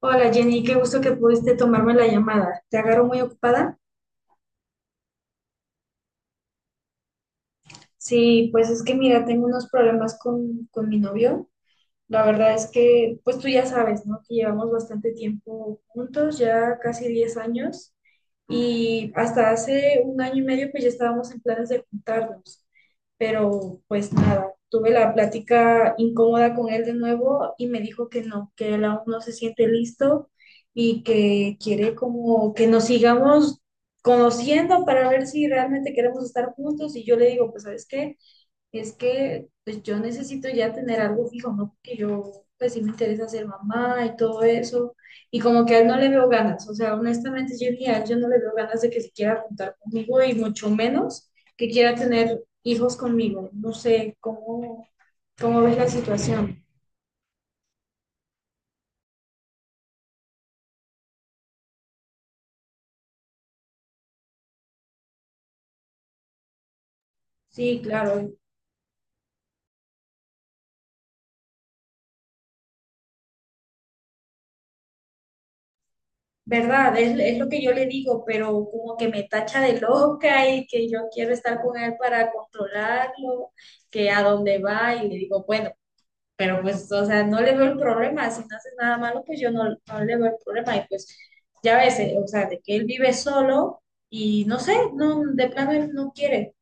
Hola Jenny, qué gusto que pudiste tomarme la llamada. ¿Te agarro muy ocupada? Sí, pues es que mira, tengo unos problemas con mi novio. La verdad es que, pues tú ya sabes, ¿no? Que llevamos bastante tiempo juntos, ya casi 10 años. Y hasta hace un año y medio pues ya estábamos en planes de juntarnos, pero pues nada, tuve la plática incómoda con él de nuevo y me dijo que no, que él aún no se siente listo y que quiere como que nos sigamos conociendo para ver si realmente queremos estar juntos y yo le digo, pues ¿sabes qué? Es que pues yo necesito ya tener algo fijo, ¿no? Porque yo pues sí me interesa ser mamá y todo eso. Y como que a él no le veo ganas. O sea, honestamente yo ni a él yo no le veo ganas de que se quiera juntar conmigo y mucho menos que quiera tener hijos conmigo. No sé cómo ves la situación. Sí, claro. Verdad, es lo que yo le digo, pero como que me tacha de loca y que yo quiero estar con él para controlarlo, que a dónde va y le digo, bueno, pero pues, o sea, no le veo el problema, si no haces nada malo, pues yo no, no le veo el problema y pues ya ves, o sea, de que él vive solo y no sé, no, de plano él no quiere.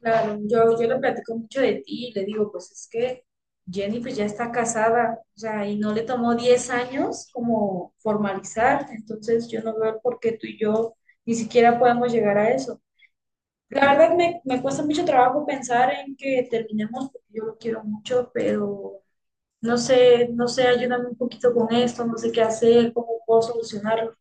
Claro, yo le platico mucho de ti y le digo, pues es que Jenny pues ya está casada, o sea, y no le tomó 10 años como formalizar, entonces yo no veo por qué tú y yo ni siquiera podemos llegar a eso. La verdad me cuesta mucho trabajo pensar en que terminemos porque yo lo quiero mucho, pero no sé, no sé, ayúdame un poquito con esto, no sé qué hacer, cómo puedo solucionarlo.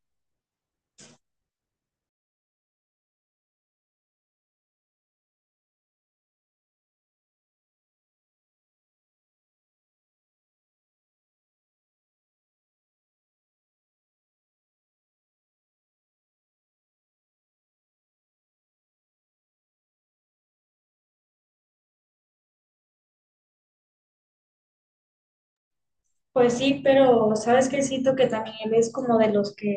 Pues sí, pero sabes que siento que también él es como de los que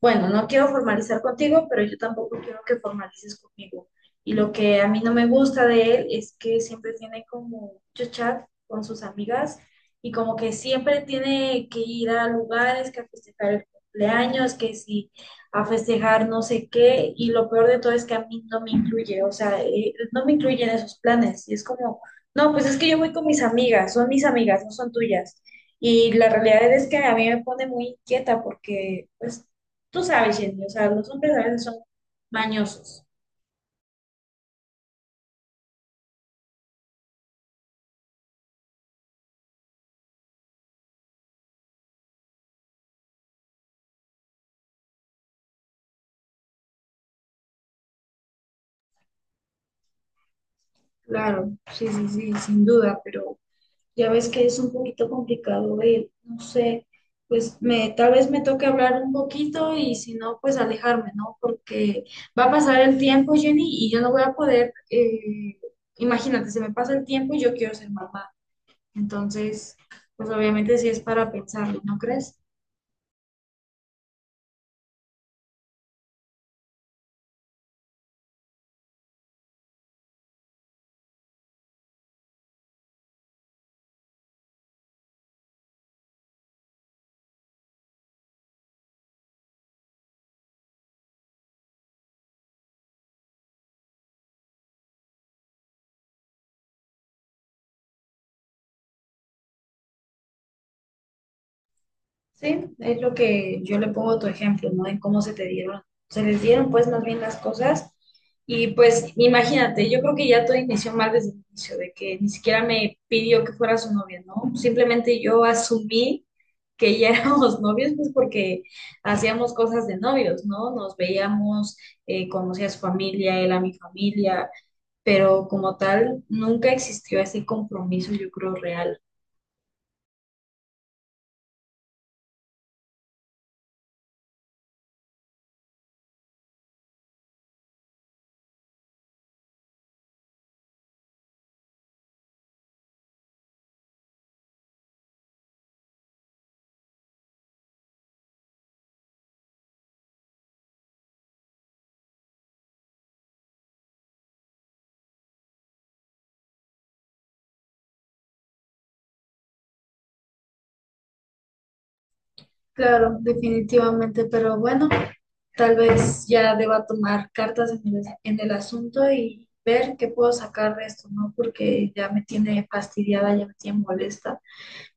bueno, no quiero formalizar contigo, pero yo tampoco quiero que formalices conmigo. Y lo que a mí no me gusta de él es que siempre tiene como mucho chat con sus amigas y como que siempre tiene que ir a lugares, que a festejar el cumpleaños, que si a festejar no sé qué. Y lo peor de todo es que a mí no me incluye, o sea, no me incluye en esos planes. Y es como, no, pues es que yo voy con mis amigas, son mis amigas, no son tuyas. Y la realidad es que a mí me pone muy inquieta porque, pues, tú sabes, Jenny, o sea, los hombres a veces son mañosos. Claro, sí, sí, sí, sin duda, pero ya ves que es un poquito complicado, no sé, pues me, tal vez me toque hablar un poquito y si no, pues alejarme, ¿no? Porque va a pasar el tiempo, Jenny, y yo no voy a poder, imagínate, se me pasa el tiempo y yo quiero ser mamá. Entonces, pues obviamente sí es para pensarlo, ¿no crees? Sí, es lo que yo le pongo tu ejemplo, ¿no? De cómo se te dieron, se les dieron pues más bien las cosas. Y pues imagínate, yo creo que ya todo inició mal desde el inicio, de que ni siquiera me pidió que fuera su novia, ¿no? Simplemente yo asumí que ya éramos novios, pues porque hacíamos cosas de novios, ¿no? Nos veíamos, conocía a su familia, él a mi familia, pero como tal, nunca existió ese compromiso, yo creo, real. Claro, definitivamente, pero bueno, tal vez ya deba tomar cartas en el asunto y ver qué puedo sacar de esto, ¿no? Porque ya me tiene fastidiada, ya me tiene molesta.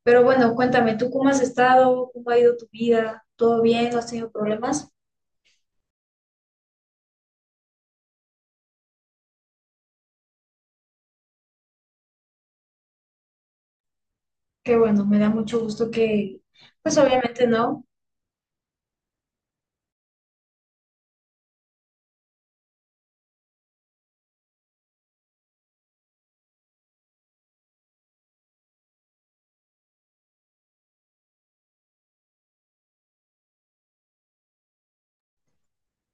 Pero bueno, cuéntame, ¿tú cómo has estado? ¿Cómo ha ido tu vida? ¿Todo bien? ¿No has tenido problemas? Que bueno, me da mucho gusto que, pues obviamente no.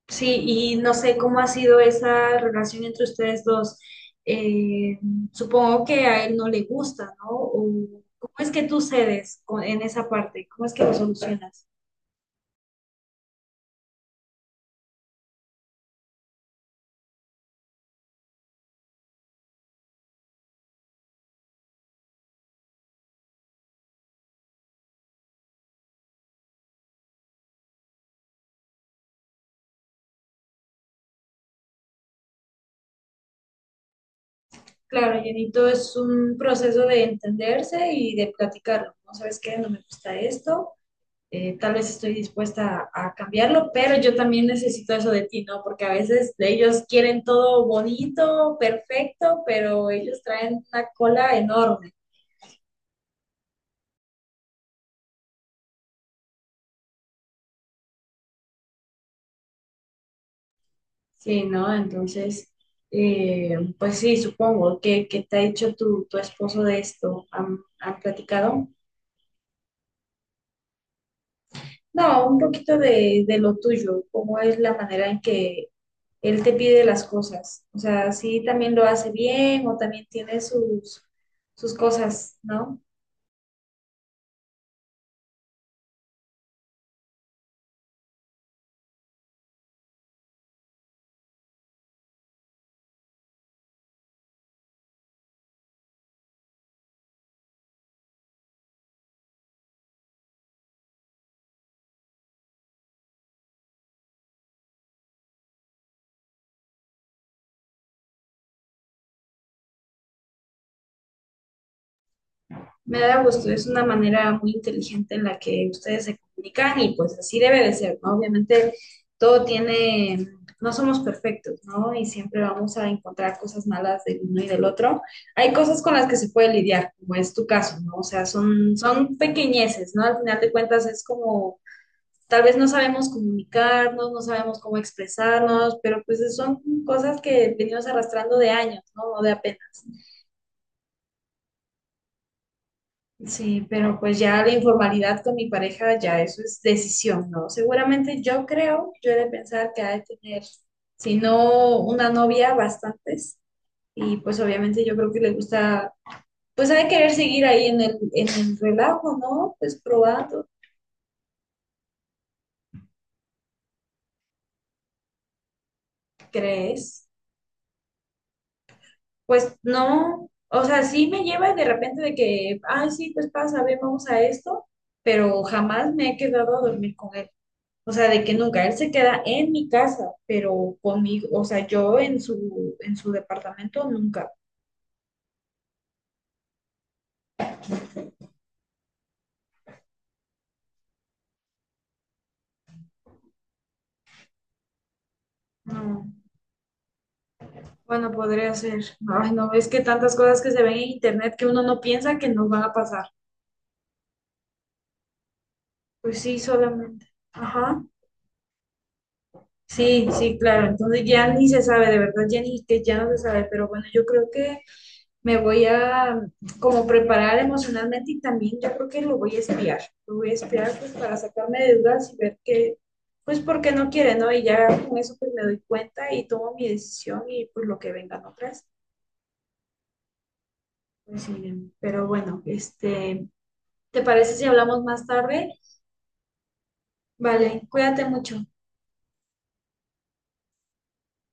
Sí, y no sé cómo ha sido esa relación entre ustedes dos. Eh, Supongo que a él no le gusta, ¿no? O, ¿cómo es que tú cedes con- en esa parte? ¿Cómo es que lo solucionas? Claro, llenito es un proceso de entenderse y de platicarlo. No sabes qué, no me gusta esto, tal vez estoy dispuesta a cambiarlo, pero yo también necesito eso de ti, ¿no? Porque a veces ellos quieren todo bonito, perfecto, pero ellos traen una cola enorme, ¿sí, no? Entonces, pues sí, supongo. ¿Qué te ha dicho tu esposo de esto? ¿Han platicado? No, un poquito de lo tuyo, cómo es la manera en que él te pide las cosas. O sea, si también lo hace bien o también tiene sus, sus cosas, ¿no? Me da gusto, es una manera muy inteligente en la que ustedes se comunican y pues así debe de ser, ¿no? Obviamente todo tiene, no somos perfectos, ¿no? Y siempre vamos a encontrar cosas malas del uno y del otro. Hay cosas con las que se puede lidiar, como es tu caso, ¿no? O sea, son, son pequeñeces, ¿no? Al final de cuentas es como tal vez no sabemos comunicarnos, no sabemos cómo expresarnos, pero pues son cosas que venimos arrastrando de años, ¿no? No de apenas. Sí, pero pues ya la informalidad con mi pareja, ya eso es decisión, ¿no? Seguramente yo creo, yo he de pensar que ha de tener, si no una novia, bastantes. Y pues obviamente yo creo que le gusta, pues ha de querer seguir ahí en el relajo, ¿no? Pues probando, ¿crees? Pues no, o sea, sí me lleva de repente de que, ay, sí, pues pasa, ven, vamos a esto, pero jamás me he quedado a dormir con él. O sea, de que nunca, él se queda en mi casa, pero conmigo, o sea, yo en su departamento nunca. No. Bueno, podría ser. Ay, no, es que tantas cosas que se ven en internet que uno no piensa que nos van a pasar. Pues sí, solamente. Ajá. Sí, sí, claro. Entonces ya ni se sabe, de verdad, ya ni que ya no se sabe, pero bueno, yo creo que me voy a como preparar emocionalmente y también yo creo que lo voy a espiar, lo voy a espiar pues para sacarme de dudas y ver que, pues porque no quiere, ¿no? Y ya con eso pues me doy cuenta y tomo mi decisión y pues lo que vengan otras, pues miren, pero bueno, este, ¿te parece si hablamos más tarde? Vale, cuídate mucho.